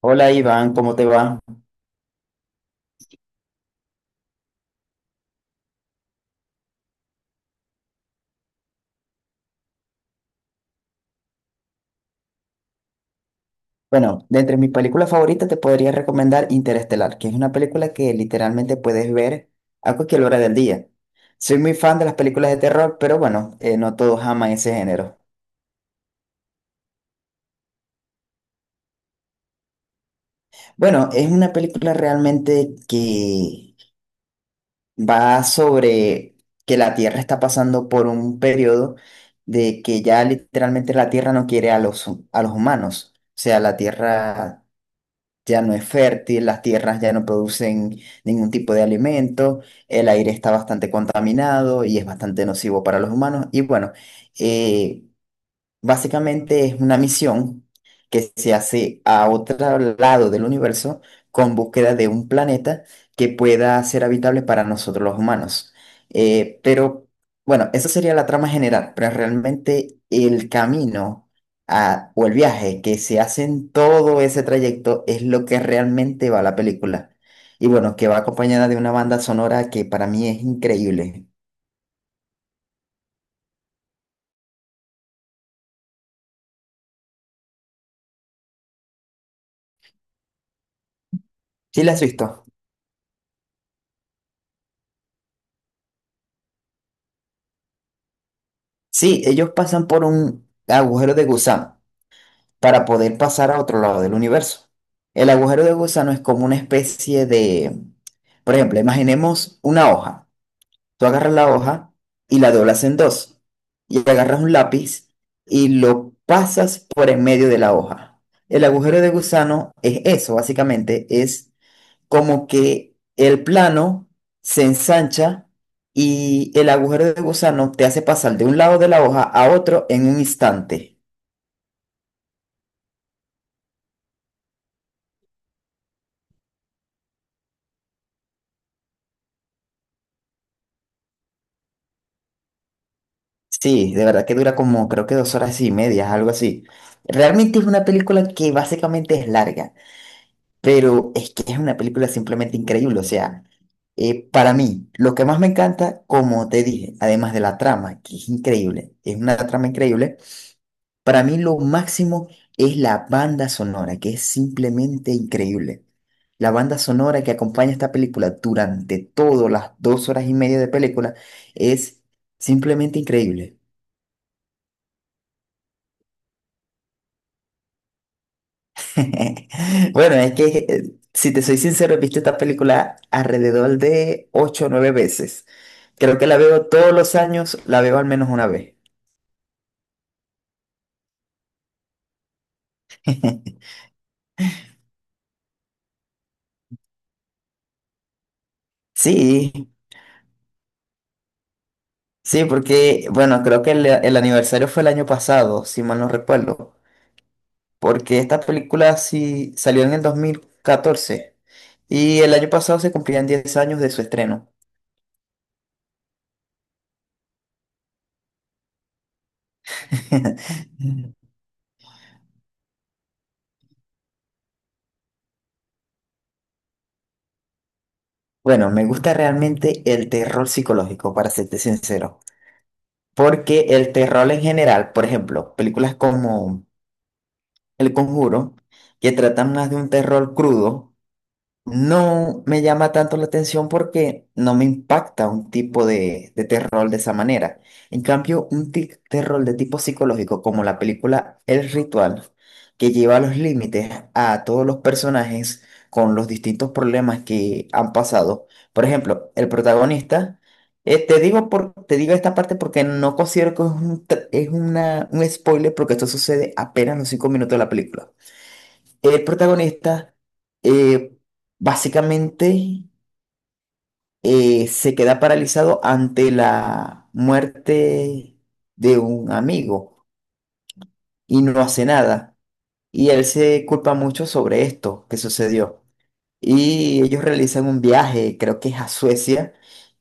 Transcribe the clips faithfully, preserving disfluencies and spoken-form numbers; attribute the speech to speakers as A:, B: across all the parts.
A: Hola Iván, ¿cómo te va? Bueno, de entre mis películas favoritas te podría recomendar Interestelar, que es una película que literalmente puedes ver a cualquier hora del día. Soy muy fan de las películas de terror, pero bueno, eh, no todos aman ese género. Bueno, es una película realmente que va sobre que la Tierra está pasando por un periodo de que ya literalmente la Tierra no quiere a los, a los humanos. O sea, la Tierra ya no es fértil, las tierras ya no producen ningún tipo de alimento, el aire está bastante contaminado y es bastante nocivo para los humanos. Y bueno, eh, Básicamente es una misión que se hace a otro lado del universo con búsqueda de un planeta que pueda ser habitable para nosotros los humanos. Eh, pero bueno, esa sería la trama general, pero realmente el camino a- o el viaje que se hace en todo ese trayecto es lo que realmente va a la película. Y bueno, que va acompañada de una banda sonora que para mí es increíble. ¿Sí la has visto? Sí, ellos pasan por un agujero de gusano para poder pasar a otro lado del universo. El agujero de gusano es como una especie de, por ejemplo, imaginemos una hoja. Tú agarras la hoja y la doblas en dos y agarras un lápiz y lo pasas por en medio de la hoja. El agujero de gusano es eso, básicamente, es como que el plano se ensancha y el agujero de gusano te hace pasar de un lado de la hoja a otro en un instante. Sí, de verdad que dura como creo que dos horas y media, algo así. Realmente es una película que básicamente es larga, pero es que es una película simplemente increíble. O sea, eh, para mí, lo que más me encanta, como te dije, además de la trama, que es increíble, es una trama increíble, para mí lo máximo es la banda sonora, que es simplemente increíble. La banda sonora que acompaña esta película durante todas las dos horas y media de película es simplemente increíble. Bueno, es que eh, si te soy sincero, he visto esta película alrededor de ocho o nueve veces. Creo que la veo todos los años, la veo al menos una vez. Sí, sí, porque, bueno, creo que el, el aniversario fue el año pasado, si mal no recuerdo, porque esta película sí salió en el dos mil catorce y el año pasado se cumplían diez años de su estreno. Bueno, me gusta realmente el terror psicológico, para serte sincero. Porque el terror en general, por ejemplo, películas como El Conjuro, que tratan más de un terror crudo, no me llama tanto la atención porque no me impacta un tipo de, de terror de esa manera. En cambio, un ti- terror de tipo psicológico, como la película El Ritual, que lleva a los límites a todos los personajes con los distintos problemas que han pasado. Por ejemplo, el protagonista, eh, te digo por, te digo esta parte porque no considero que es un, tr- es una, un spoiler porque esto sucede apenas en los cinco minutos de la película. El protagonista eh, básicamente eh, se queda paralizado ante la muerte de un amigo y no hace nada. Y él se culpa mucho sobre esto que sucedió. Y ellos realizan un viaje, creo que es a Suecia,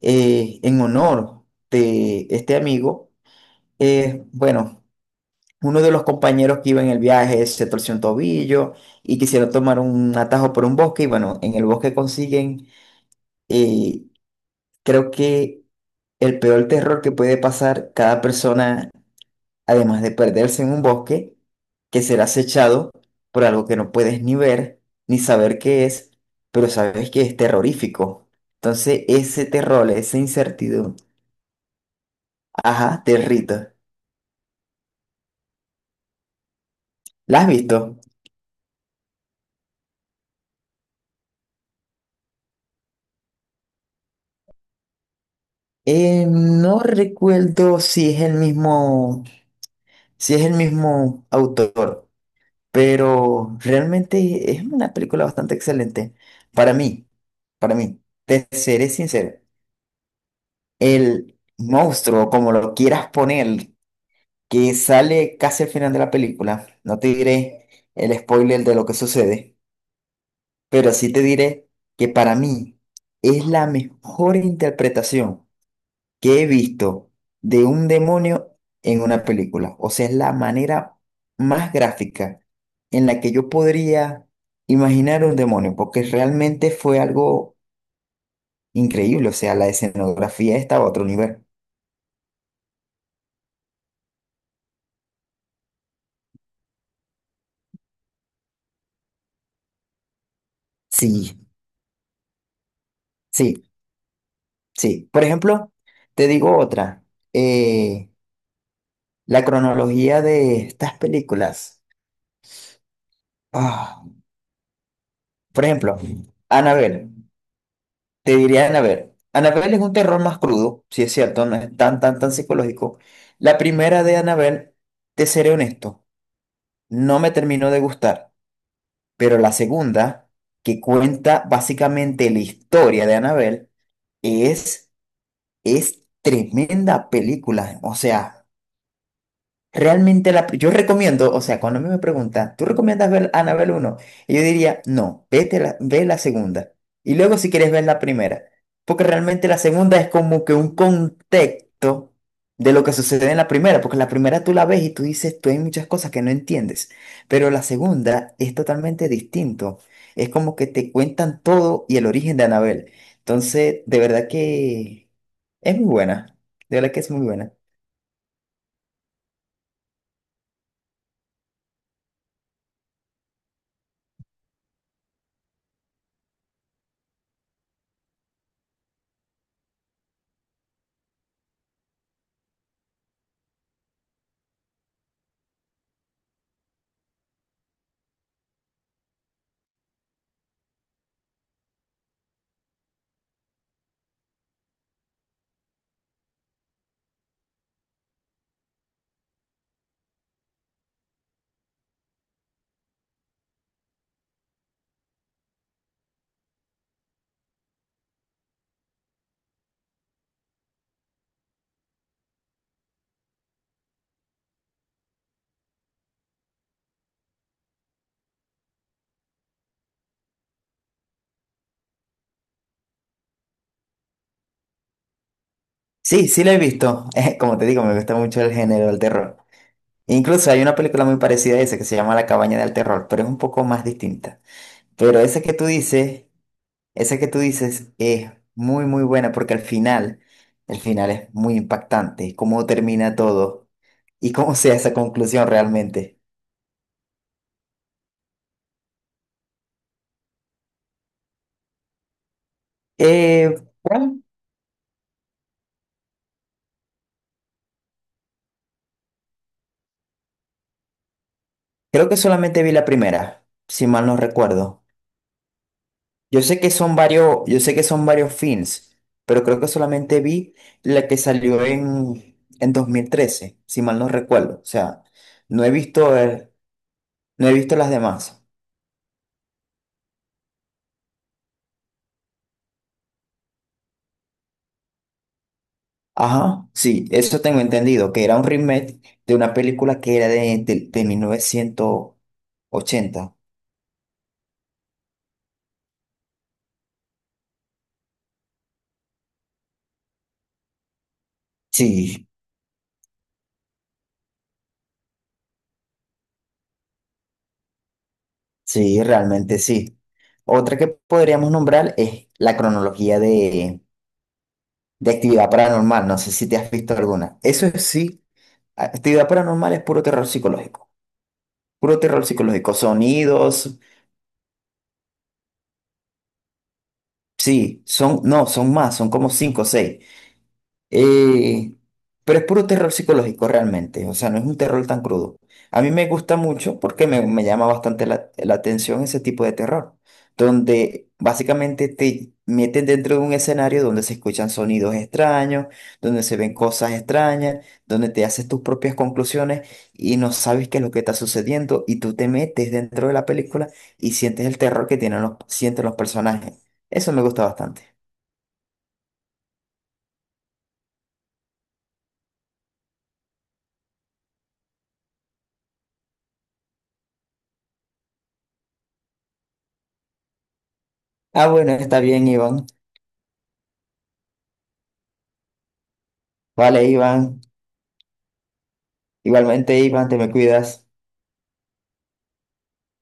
A: eh, en honor de este amigo. Eh, bueno, uno de los compañeros que iba en el viaje se torció un tobillo y quisieron tomar un atajo por un bosque y bueno, en el bosque consiguen. Y creo que el peor terror que puede pasar cada persona, además de perderse en un bosque, que será acechado por algo que no puedes ni ver, ni saber qué es, pero sabes que es terrorífico. Entonces, ese terror, esa incertidumbre, ajá, territo. ¿La has visto? Eh, no recuerdo si es el mismo, si es el mismo autor. Pero realmente es una película bastante excelente. Para mí, para mí, te seré sincero, el monstruo, como lo quieras poner, que sale casi al final de la película, no te diré el spoiler de lo que sucede, pero sí te diré que para mí es la mejor interpretación que he visto de un demonio en una película. O sea, es la manera más gráfica en la que yo podría imaginar un demonio, porque realmente fue algo increíble. O sea, la escenografía estaba a otro nivel. Sí, sí, sí. Por ejemplo, te digo otra. eh, la cronología de estas películas. Ah, por ejemplo, Annabelle. Te diría Annabelle. Annabelle es un terror más crudo, si es cierto, no es tan, tan, tan psicológico. La primera de Annabelle, te seré honesto, no me terminó de gustar, pero la segunda, que cuenta básicamente la historia de Annabelle, es, es tremenda película. O sea, realmente la, yo recomiendo, o sea, cuando a mí me preguntan, ¿tú recomiendas ver Annabelle uno? Y yo diría, no, vete la, ve la segunda. Y luego si quieres ver la primera. Porque realmente la segunda es como que un contexto de lo que sucede en la primera. Porque la primera tú la ves y tú dices, tú hay muchas cosas que no entiendes. Pero la segunda es totalmente distinto. Es como que te cuentan todo y el origen de Annabelle. Entonces, de verdad que es muy buena. De verdad que es muy buena. Sí, sí la he visto. Eh, Como te digo, me gusta mucho el género del terror. Incluso hay una película muy parecida a esa que se llama La cabaña del terror, pero es un poco más distinta. Pero esa que tú dices, esa que tú dices es muy, muy buena porque al final, el final es muy impactante, cómo termina todo y cómo sea esa conclusión realmente. Eh, bueno, creo que solamente vi la primera, si mal no recuerdo. Yo sé que son varios, yo sé que son varios films, pero creo que solamente vi la que salió en, en dos mil trece si mal no recuerdo. O sea, no he visto, eh, no he visto las demás. Ajá, sí, eso tengo entendido, que era un remake de una película que era de, de, de mil novecientos ochenta. Sí, sí, realmente sí. Otra que podríamos nombrar es la cronología de, de actividad paranormal. No sé si te has visto alguna. Eso sí. Actividad paranormal es puro terror psicológico. Puro terror psicológico. Sonidos, sí, son, no, son más, son como cinco o seis. Eh, pero es puro terror psicológico realmente, o sea, no es un terror tan crudo. A mí me gusta mucho porque me, me llama bastante la, la atención ese tipo de terror, donde básicamente te meten dentro de un escenario donde se escuchan sonidos extraños, donde se ven cosas extrañas, donde te haces tus propias conclusiones y no sabes qué es lo que está sucediendo y tú te metes dentro de la película y sientes el terror que tienen los, sienten los personajes. Eso me gusta bastante. Ah, bueno, está bien, Iván. Vale, Iván. Igualmente, Iván, te me cuidas.